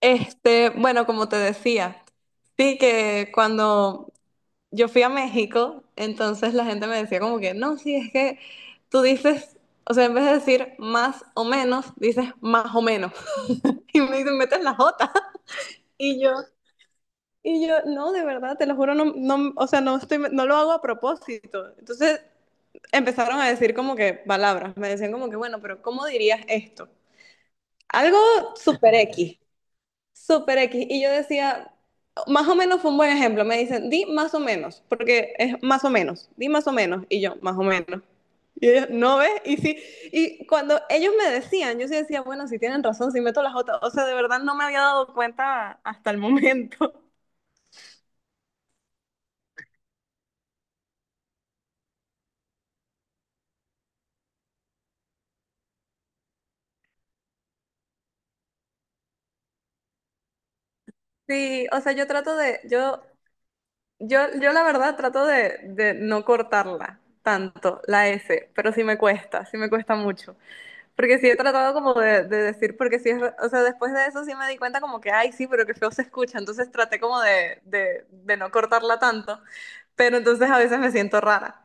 Bueno, como te decía, sí que cuando yo fui a México, entonces la gente me decía como que, no, sí, es que tú dices, o sea, en vez de decir más o menos, dices más o menos. Y me dicen, metes la jota. Y yo, y yo, no, de verdad, te lo juro, no, no, o sea, no estoy, no lo hago a propósito. Entonces empezaron a decir como que palabras, me decían como que, bueno, pero ¿cómo dirías esto? Algo super X. Súper X. Y yo decía, más o menos fue un buen ejemplo. Me dicen, di más o menos, porque es más o menos, di más o menos. Y yo, más o menos. Y ellos, ¿no ves? Y sí. Y cuando ellos me decían, yo sí decía, bueno, si tienen razón, si meto las otras. O sea, de verdad no me había dado cuenta hasta el momento. Sí, o sea, yo la verdad trato de, no cortarla tanto, la S, pero sí me cuesta mucho. Porque sí he tratado como de decir, porque sí es, o sea, después de eso sí me di cuenta como que, ay, sí, pero que feo se escucha, entonces traté como de, de no cortarla tanto, pero entonces a veces me siento rara.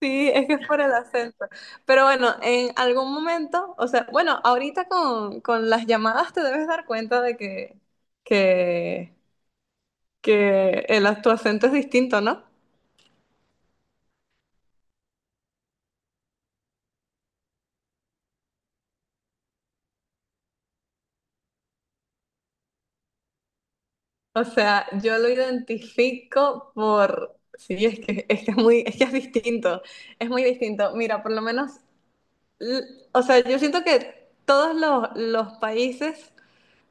Sí, es que es por el acento. Pero bueno, en algún momento, o sea, bueno, ahorita con, las llamadas te debes dar cuenta de que, que, tu acento es distinto, ¿no? O sea, yo lo identifico por... Sí, es que, es que es muy, es que es distinto, es muy distinto. Mira, por lo menos, l- o sea, yo siento que todos los, países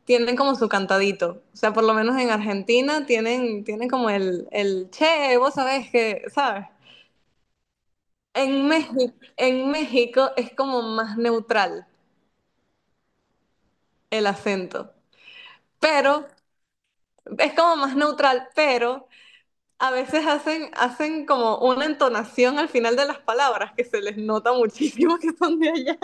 tienen como su cantadito. O sea, por lo menos en Argentina tienen, como el, che, vos sabés que, ¿sabes? En México es como más neutral el acento, pero es como más neutral, pero a veces hacen, como una entonación al final de las palabras que se les nota muchísimo que son de allá.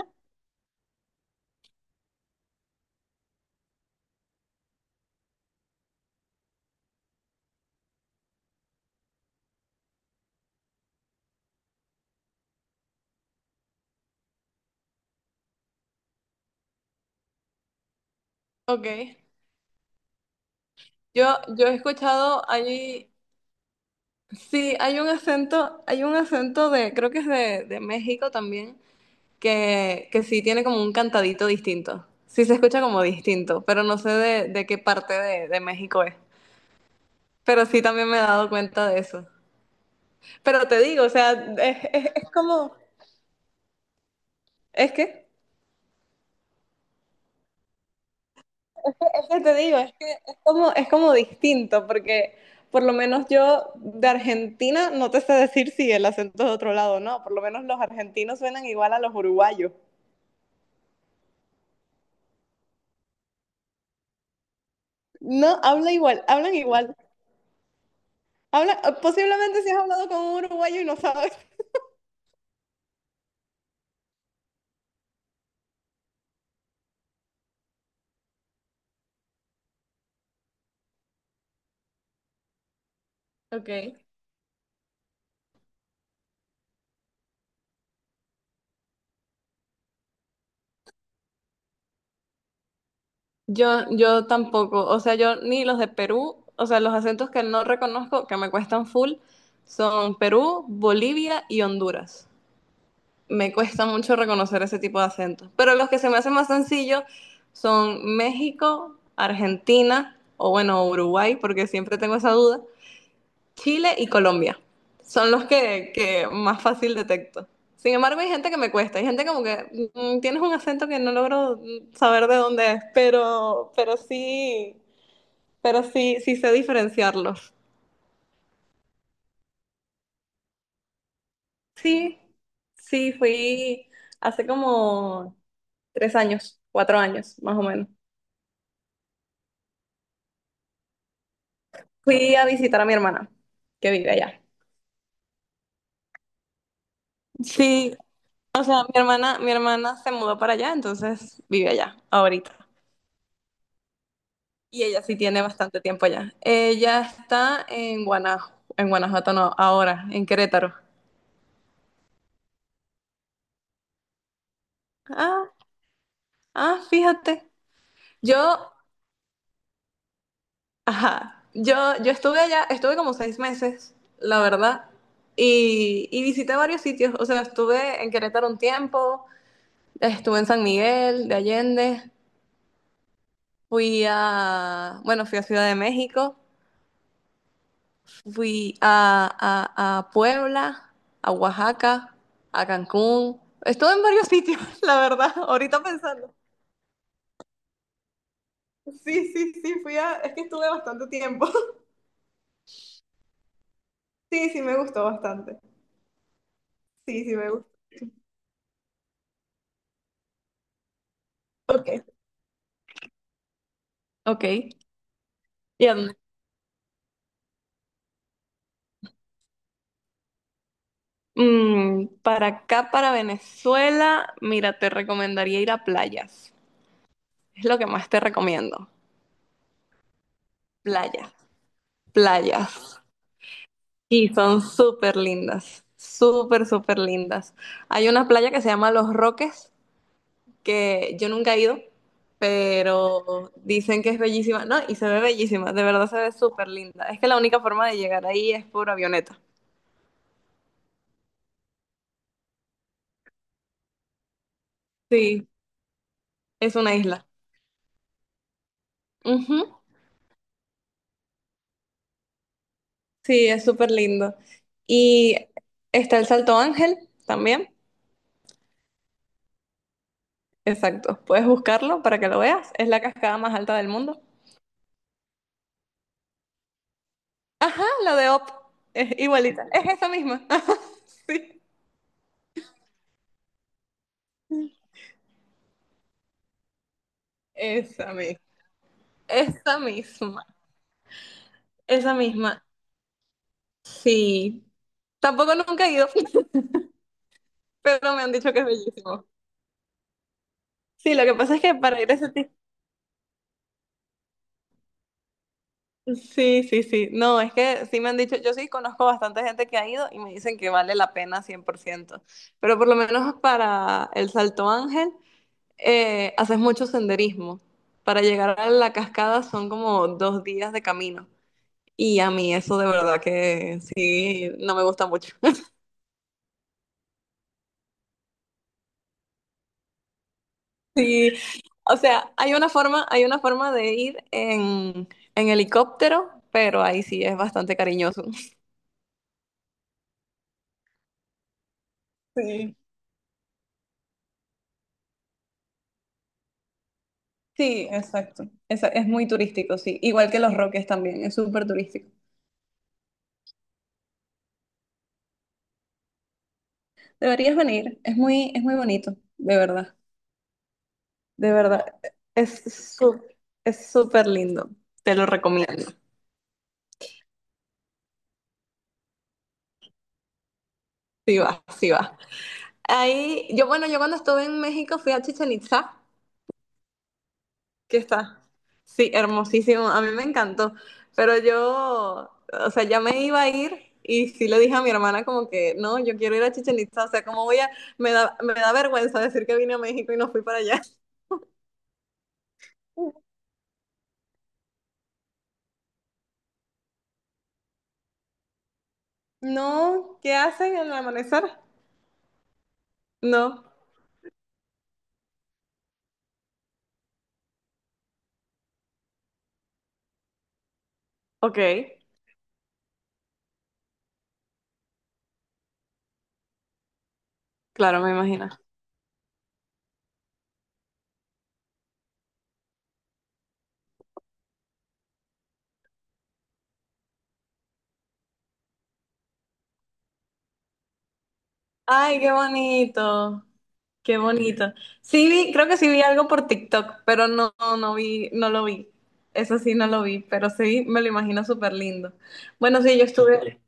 Ok, yo, yo he escuchado allí, sí, hay un acento, de, creo que es de, México también, que, sí tiene como un cantadito distinto. Sí se escucha como distinto, pero no sé de, qué parte de, México es. Pero sí también me he dado cuenta de eso. Pero te digo, o sea, es, es como, ¿es que? Que te digo, es que es como, distinto, porque por lo menos yo de Argentina no te sé decir si el acento es de otro lado o no, por lo menos los argentinos suenan igual a los uruguayos. No, habla igual, hablan igual. Habla, posiblemente si has hablado con un uruguayo y no sabes. Okay. Yo tampoco, o sea, yo ni los de Perú, o sea, los acentos que no reconozco, que me cuestan full, son Perú, Bolivia y Honduras. Me cuesta mucho reconocer ese tipo de acentos. Pero los que se me hacen más sencillos son México, Argentina o bueno, Uruguay, porque siempre tengo esa duda, Chile y Colombia. Son los que, más fácil detecto. Sin embargo, hay gente que me cuesta, hay gente como que tienes un acento que no logro saber de dónde es, sí, sí sé diferenciarlos. Sí, sí, fui hace como 3 años, 4 años, más o menos. Fui a visitar a mi hermana, que vive allá. Sí, o sea, mi hermana se mudó para allá, entonces vive allá, ahorita. Y ella sí tiene bastante tiempo allá. Ella está en Guanajuato no, ahora, en Querétaro. Ah, ah, fíjate. Yo, ajá, yo estuve allá, estuve como 6 meses, la verdad, y, visité varios sitios. O sea, estuve en Querétaro un tiempo, estuve en San Miguel de Allende. Fui a, bueno, fui a Ciudad de México, fui a Puebla, a Oaxaca, a Cancún. Estuve en varios sitios, la verdad, ahorita pensando. Sí, sí, sí, es que estuve bastante tiempo. Sí, sí, me gustó bastante. Sí, sí, me gustó. Ok. Ok. ¿Y a dónde? Para acá, para Venezuela, mira, te recomendaría ir a playas. Es lo que más te recomiendo. Playas, playas. Y son súper lindas, súper, súper lindas. Hay una playa que se llama Los Roques, que yo nunca he ido, pero dicen que es bellísima, ¿no? Y se ve bellísima, de verdad se ve súper linda. Es que la única forma de llegar ahí es por avioneta. Sí, es una isla. Ujú. Sí, es súper lindo. Y está el Salto Ángel también. Exacto, puedes buscarlo para que lo veas. Es la cascada más alta del mundo. Ajá, es igualita, es esa misma. Sí. Esa misma. Esa misma, esa misma. Sí. Tampoco nunca he ido, pero me han dicho que es bellísimo. Sí, lo que pasa es que para ir a ese tipo... Sí, sí, sí. No, es que sí me han dicho, yo sí conozco bastante gente que ha ido y me dicen que vale la pena 100%. Pero por lo menos para el Salto Ángel haces mucho senderismo. Para llegar a la cascada son como 2 días de camino. Y a mí eso de verdad que sí, no me gusta mucho. Sí, o sea, hay una forma de ir en, helicóptero, pero ahí sí es bastante cariñoso. Sí, sí, exacto. Es muy turístico, sí. Igual que Los Roques también, es súper turístico. Deberías venir, es muy bonito, de verdad. De verdad, es su- es súper lindo. Te lo recomiendo. Sí va, sí va. Ahí, yo bueno, yo cuando estuve en México fui a Chichen Itza. ¿Qué está? Sí, hermosísimo. A mí me encantó. Pero yo, o sea, ya me iba a ir y sí le dije a mi hermana como que, no, yo quiero ir a Chichen Itza. O sea, ¿cómo voy a...? Me da vergüenza decir que vine a México y no fui para allá. No, ¿qué hacen al amanecer? No. Ok, claro, me imagino. Ay, qué bonito. Qué bonito. Sí vi, creo que sí vi algo por TikTok, pero no, no, no vi, no lo vi. Eso sí no lo vi, pero sí me lo imagino súper lindo. Bueno, sí, yo estuve,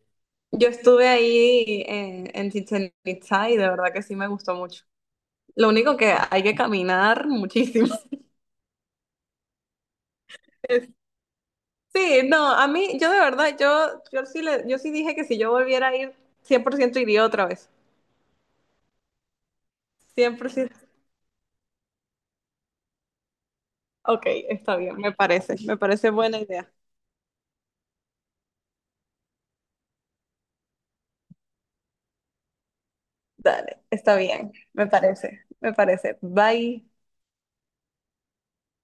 ahí en Chichen Itza y de verdad que sí me gustó mucho. Lo único que hay que caminar muchísimo. Sí, no, a mí, yo de verdad, yo sí dije que si yo volviera a ir, 100% iría otra vez. 100%. Ok, está bien, me parece buena idea. Dale, está bien, me parece, me parece. Bye.